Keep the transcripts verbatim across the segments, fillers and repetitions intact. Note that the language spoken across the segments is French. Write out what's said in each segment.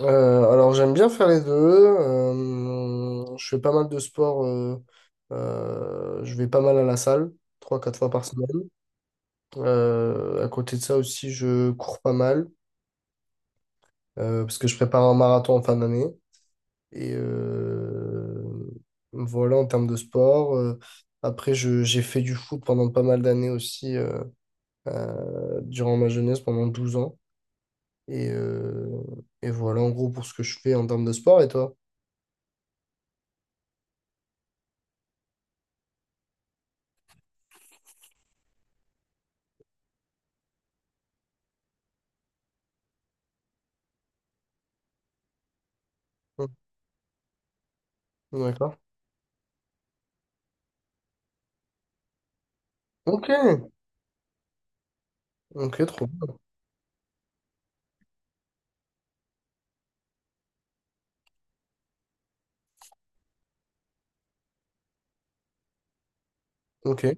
Euh, alors j'aime bien faire les deux. Euh, je fais pas mal de sport. euh, euh, je vais pas mal à la salle, trois quatre fois par semaine. Euh, à côté de ça aussi, je cours pas mal euh, parce que je prépare un marathon en fin d'année. Et euh, voilà en termes de sport. Euh, après, je, j'ai fait du foot pendant pas mal d'années aussi, euh, euh, durant ma jeunesse, pendant douze ans. Et, euh, et voilà en gros pour ce que je fais en termes de sport. Et toi? Hum. D'accord. Ok. Ok, trop bien. Ok.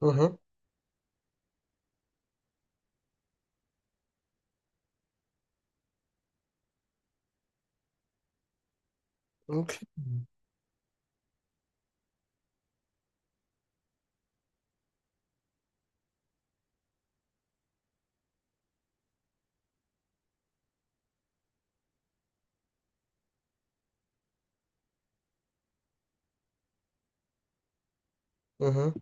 Mhm. Ok. Mhm.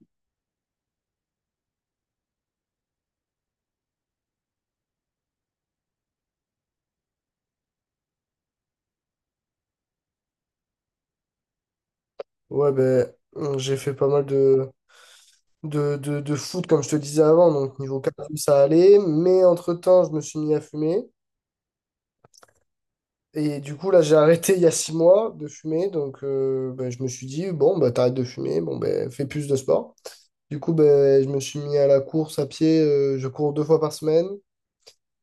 Ouais, ben, euh, j'ai fait pas mal de, de, de, de foot, comme je te disais avant. Donc, niveau cardio, ça allait. Mais entre-temps, je me suis mis à fumer. Et du coup, là, j'ai arrêté il y a six mois de fumer. Donc, euh, ben, je me suis dit, bon, bah t'arrêtes de fumer. Bon, ben, fais plus de sport. Du coup, ben, je me suis mis à la course à pied. euh, je cours deux fois par semaine.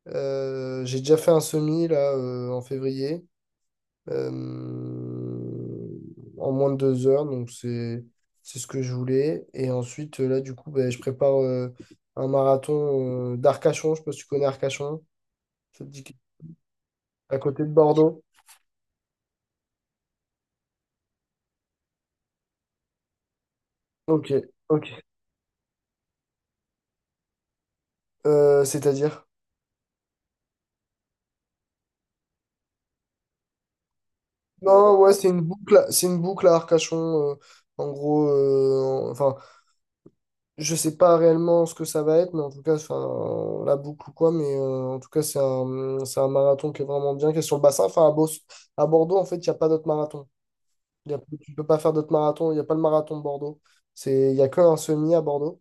Euh, j'ai déjà fait un semi, là, euh, en février. euh, en moins de deux heures. Donc, c'est, c'est ce que je voulais. Et ensuite, euh, là, du coup, ben, je prépare euh, un marathon euh, d'Arcachon. Je ne sais pas si tu connais Arcachon. Ça te dit quelque- À côté de Bordeaux. Ok, ok. Euh, c'est-à-dire? Non, ouais, c'est une boucle, c'est une boucle à Arcachon. euh, en gros, euh, en- enfin je sais pas réellement ce que ça va être, mais en tout cas, enfin, la boucle ou quoi, mais euh, en tout cas, c'est un, c'est un marathon qui est vraiment bien, qui est sur le bassin. Enfin, à, Bos- à Bordeaux, en fait, il n'y a pas d'autres marathons. Il Y a- tu peux pas faire d'autres marathons, il n'y a pas le marathon de Bordeaux. C'est, il y a que un semi à Bordeaux.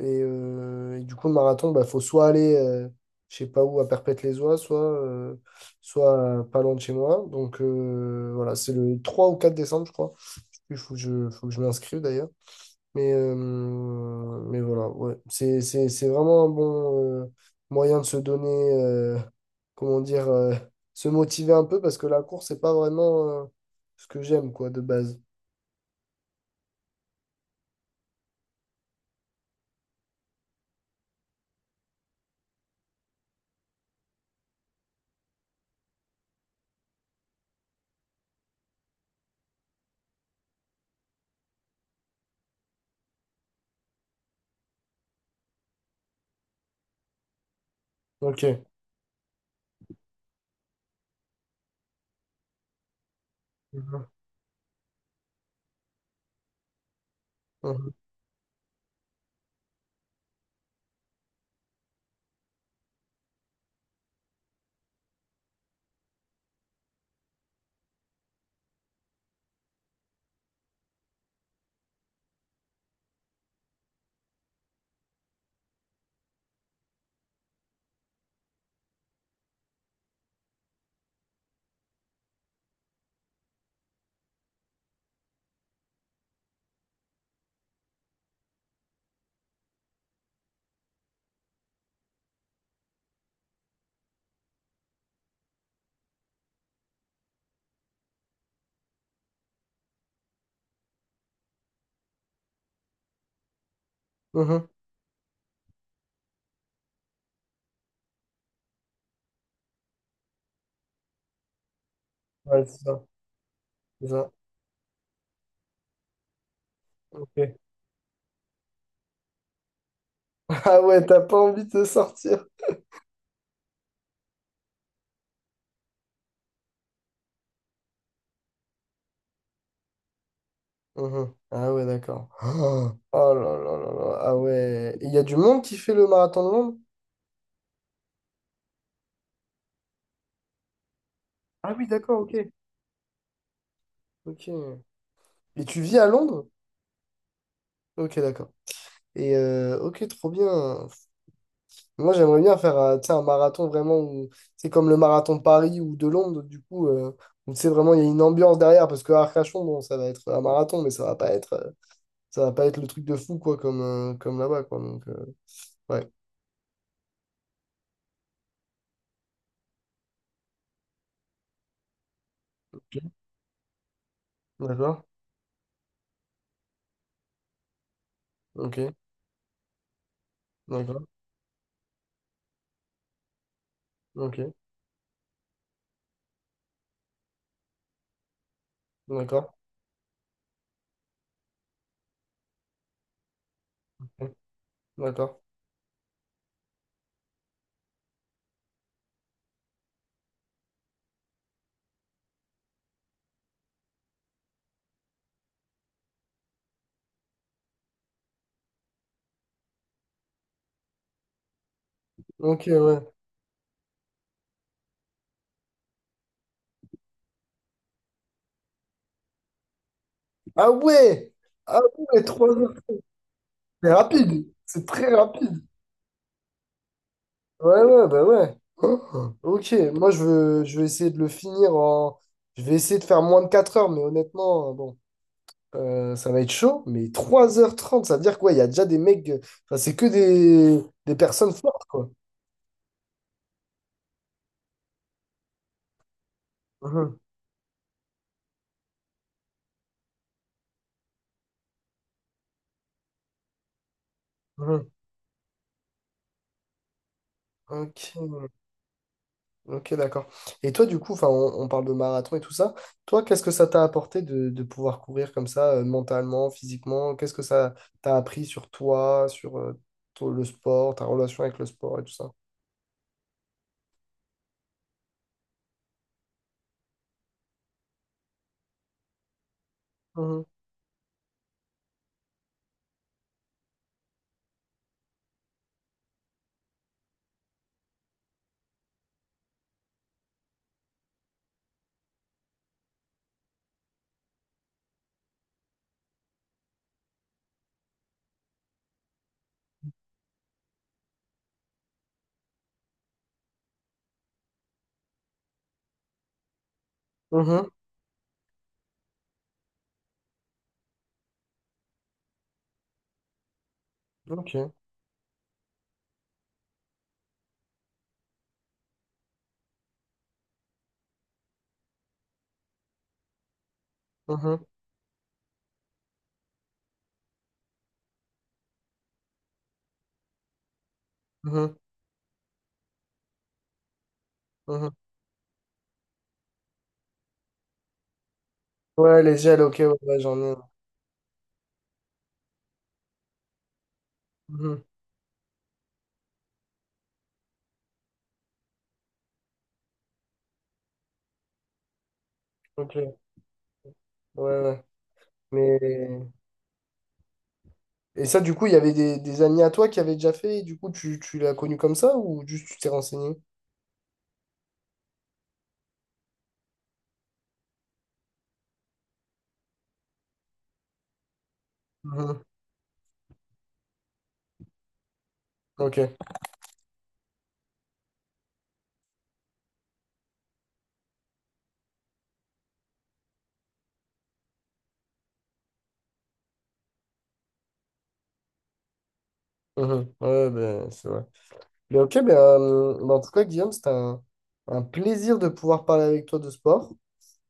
Et, euh, et du coup, le marathon, bah, faut soit aller, euh, je sais pas où, à Perpète-les-Oies, soit, euh, soit euh, pas loin de chez moi. Donc, euh, voilà, c'est le trois ou quatre décembre, je crois. Il faut que je, faut que je m'inscrive d'ailleurs. Mais, euh, mais voilà, ouais. C'est, c'est, c'est vraiment un bon euh, moyen de se donner, euh, comment dire, euh, se motiver un peu parce que la course, c'est pas vraiment euh, ce que j'aime, quoi, de base. Ok. Mhm, mhm, mhm. Ouais, c'est ça. C'est ça. Ok. Ah ouais, t'as pas envie de sortir. Mhm. Ah ouais, d'accord. Oh oh là là là là. Ah ouais. Il y a du monde qui fait le marathon de Londres? Ah oui, d'accord, ok. Ok. Et tu vis à Londres? Ok, d'accord. Et euh, ok, trop bien. Moi, j'aimerais bien faire euh, tu sais, un marathon vraiment où c'est comme le marathon de Paris ou de Londres, du coup, euh, où tu sais vraiment, il y a une ambiance derrière parce que Arcachon, bon, ça va être un marathon, mais ça va pas être, euh, ça va pas être le truc de fou, quoi, comme, euh, comme là-bas, quoi. Donc, euh, ouais. Ok. D'accord. Ok. D'accord. Ok. D'accord. Ok. D'accord. Ok, ouais. Ah ouais! Ah ouais, trois heures. C'est rapide. C'est très rapide. Ouais, ouais, bah ouais. Oh. Ok, moi je veux, je vais essayer de le finir en. Je vais essayer de faire moins de quatre heures, mais honnêtement, euh, bon, euh, ça va être chaud. Mais trois heures trente ça veut dire quoi? Il y a déjà des mecs. euh, Enfin, c'est que des, des personnes fortes, quoi. Mhm, mhm. Ok, ok, d'accord. Et toi, du coup, enfin, on, on parle de marathon et tout ça. Toi, qu'est-ce que ça t'a apporté de, de pouvoir courir comme ça, euh, mentalement, physiquement? Qu'est-ce que ça t'a appris sur toi, sur euh, ton- le sport, ta relation avec le sport et tout ça? Mhm, ok. Mhm, mhm, mhm. Ouais, les gels, ok, ouais, ouais, j'en ai un. Mhm, ok, ouais, ouais. Mais. Et ça, du coup, il y avait des, des amis à toi qui avaient déjà fait, et du coup, tu, tu l'as connu comme ça ou juste tu t'es renseigné? Mhm, ok. Mhm, ouais, ben, c'est vrai. Mais ok, ben, euh, ben, en tout cas, Guillaume, c'était un, un plaisir de pouvoir parler avec toi de sport.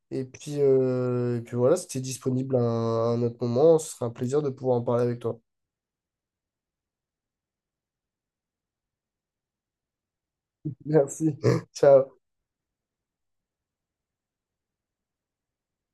Et puis, euh, et puis voilà, si tu es disponible à un, à un autre moment, ce serait un plaisir de pouvoir en parler avec toi. Merci. Ciao.